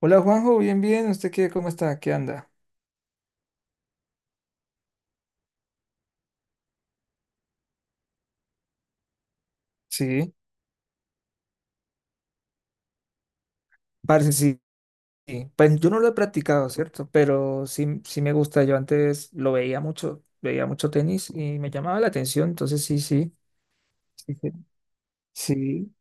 Hola Juanjo, bien, bien. ¿Usted qué, cómo está? ¿Qué anda? Sí. Parce, sí, sí. Pues yo no lo he practicado, ¿cierto? Pero sí, sí me gusta. Yo antes lo veía mucho tenis y me llamaba la atención. Entonces sí, sí. Sí. Sí. Sí.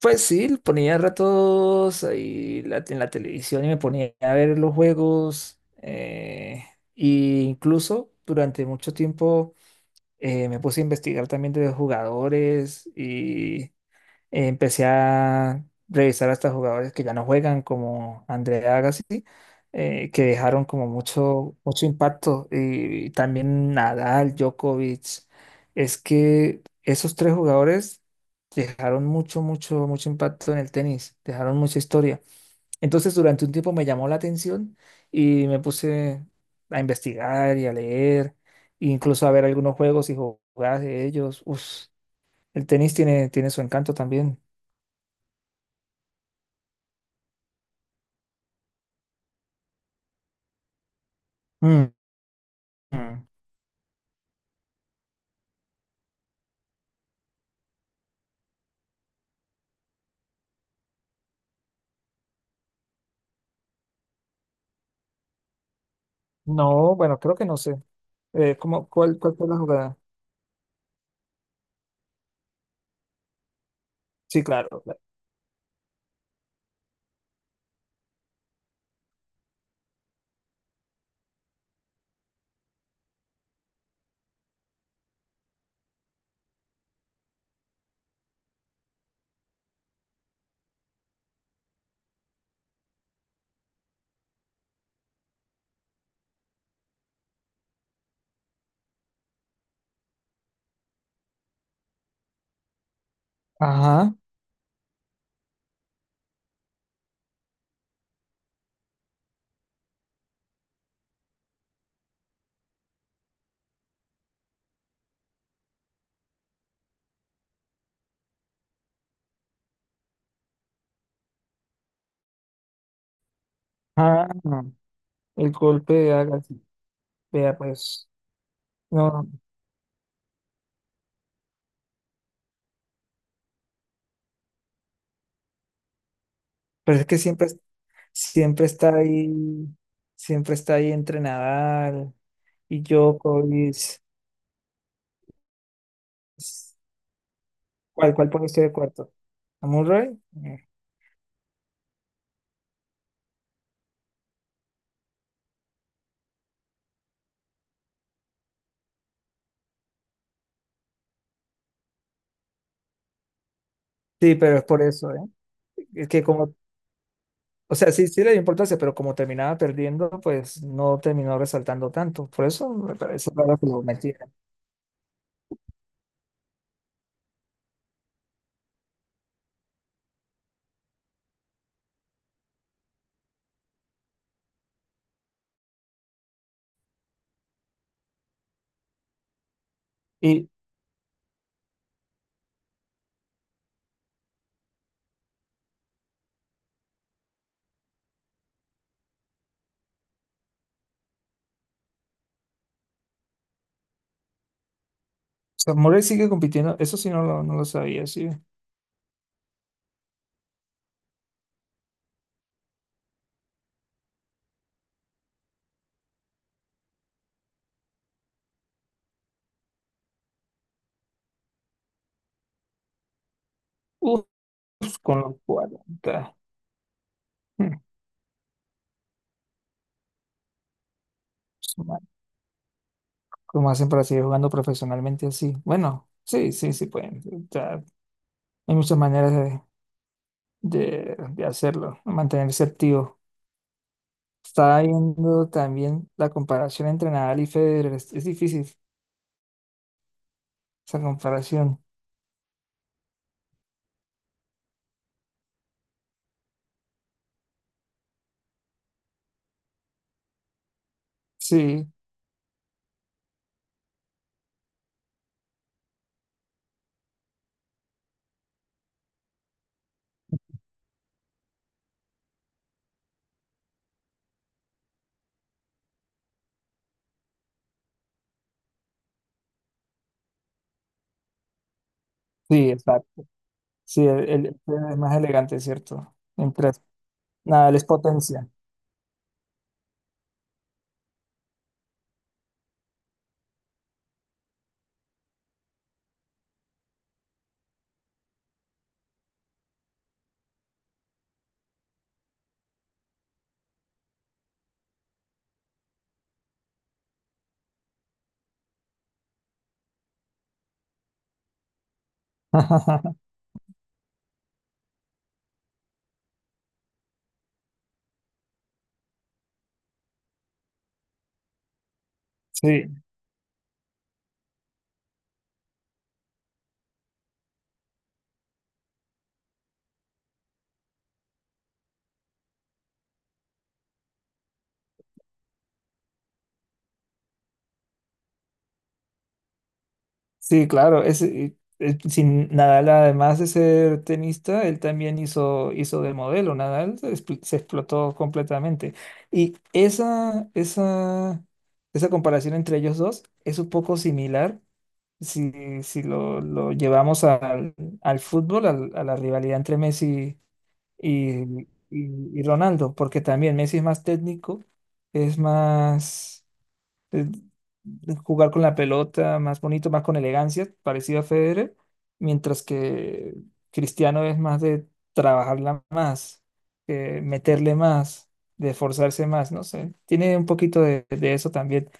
Pues sí, ponía ratos ahí en la televisión y me ponía a ver los juegos. Y incluso durante mucho tiempo me puse a investigar también de los jugadores. Empecé a revisar hasta jugadores que ya no juegan, como Andrea Agassi, que dejaron como mucho, mucho impacto. Y también Nadal, Djokovic. Es que esos tres jugadores dejaron mucho, mucho, mucho impacto en el tenis, dejaron mucha historia. Entonces, durante un tiempo me llamó la atención y me puse a investigar y a leer, e incluso a ver algunos juegos y jugadas de ellos. Uf, el tenis tiene su encanto también. Mm, mm. No, bueno, creo que no sé. ¿Cómo, cuál fue la jugada? Sí, claro. Claro. Ajá. Ah, no. El golpe de Agassi. Vea, pues, no, no. Pero es que siempre, siempre está ahí, siempre está ahí entre Nadal y Djokovic. ¿Cuál pone usted de cuarto? ¿A Murray? Eh, Sí, pero es por eso, ¿eh? Es que como, o sea, sí, sí le dio importancia, pero como terminaba perdiendo, pues no terminó resaltando tanto. Por eso me parece raro que lo metí. Y o sea, Murray sigue compitiendo, eso sí no lo sabía, sí. Uf, con los 40. Hmm, Su madre. ¿Cómo hacen para seguir jugando profesionalmente así? Bueno, sí, sí, sí pueden. O sea, hay muchas maneras de hacerlo, mantenerse activo. Estaba viendo también la comparación entre Nadal y Federer. Es difícil esa comparación. Sí, sí, exacto. Sí, el Federer es más elegante, ¿cierto? Mientras Nadal es potencia. Sí. Sí, claro, ese, sin Nadal, además de ser tenista, él también hizo de modelo. Nadal se explotó completamente. Y esa comparación entre ellos dos es un poco similar si, si lo llevamos al, al fútbol, al- a la rivalidad entre Messi y, y Ronaldo, porque también Messi es más técnico, es más de- de jugar con la pelota más bonito, más con elegancia, parecido a Federer, mientras que Cristiano es más de trabajarla más, meterle más, de esforzarse más, no sé, tiene un poquito de eso también,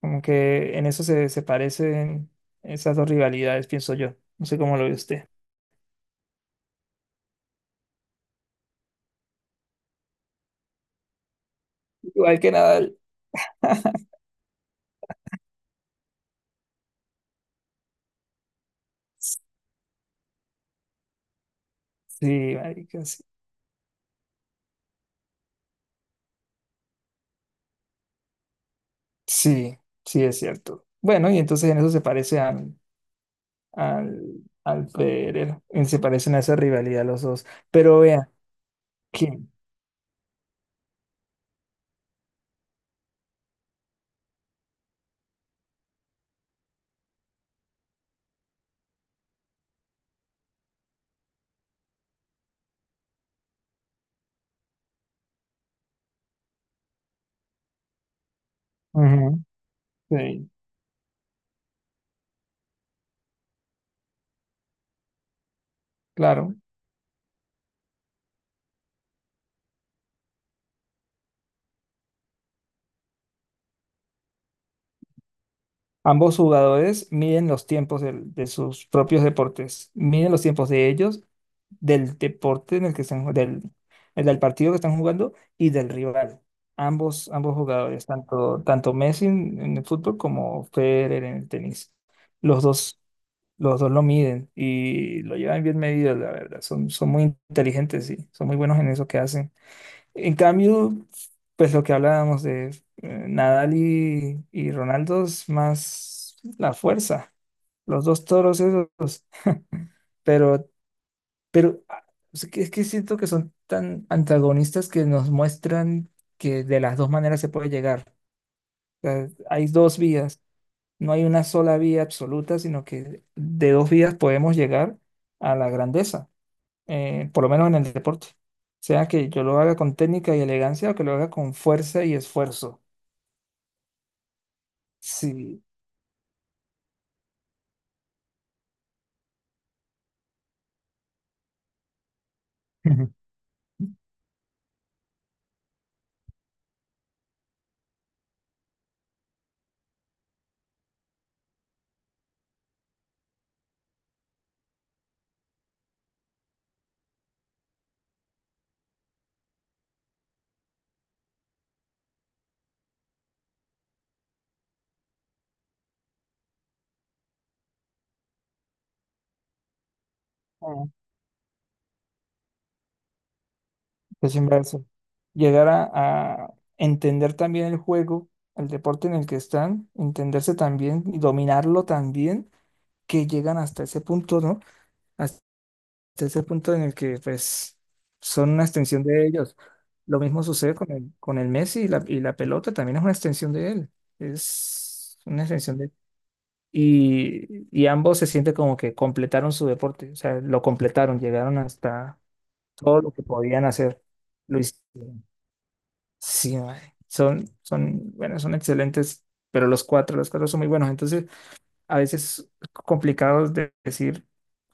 como que en eso se parecen esas dos rivalidades, pienso yo, no sé cómo lo ve usted. Igual que Nadal, sí, marica, sí, sí, sí es cierto. Bueno, y entonces en eso se parece al, al Federer. Y se parecen a esa rivalidad los dos. Pero vean, que ujú, sí, claro. Ambos jugadores miden los tiempos sus propios deportes, miden los tiempos de ellos del deporte en el que están, del partido que están jugando y del rival. Ambos jugadores, tanto Messi en el fútbol como Federer en el tenis. Los dos, los dos lo miden y lo llevan bien medido, la verdad. Son muy inteligentes y son muy buenos en eso que hacen. En cambio, pues lo que hablábamos de Nadal y, Ronaldo es más la fuerza. Los dos toros esos, pero pero es que siento que son tan antagonistas que nos muestran que de las dos maneras se puede llegar. O sea, hay dos vías, no hay una sola vía absoluta, sino que de dos vías podemos llegar a la grandeza, por lo menos en el deporte. Sea que yo lo haga con técnica y elegancia o que lo haga con fuerza y esfuerzo. Sí. Es inverso. Llegar a entender también el juego, el deporte en el que están, entenderse también y dominarlo también, que llegan hasta ese punto, ¿no? Hasta ese punto en el que, pues, son una extensión de ellos. Lo mismo sucede con el Messi y la pelota, también es una extensión de él. Es una extensión de Y, y ambos se sienten como que completaron su deporte, o sea, lo completaron, llegaron hasta todo lo que podían hacer. Luis. Sí, mae, bueno, son excelentes, pero los cuatro son muy buenos. Entonces, a veces complicados de decir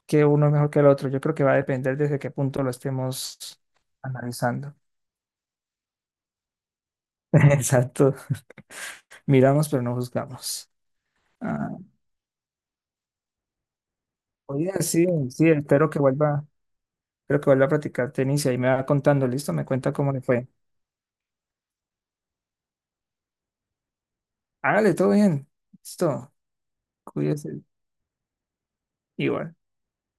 que uno es mejor que el otro. Yo creo que va a depender desde qué punto lo estemos analizando. Exacto. Miramos, pero no juzgamos. Ah, oye, sí, sí, espero que vuelva a practicar tenis y ahí me va contando, ¿listo? Me cuenta cómo le fue. Hágale, todo bien. Listo. Cuídese. Igual.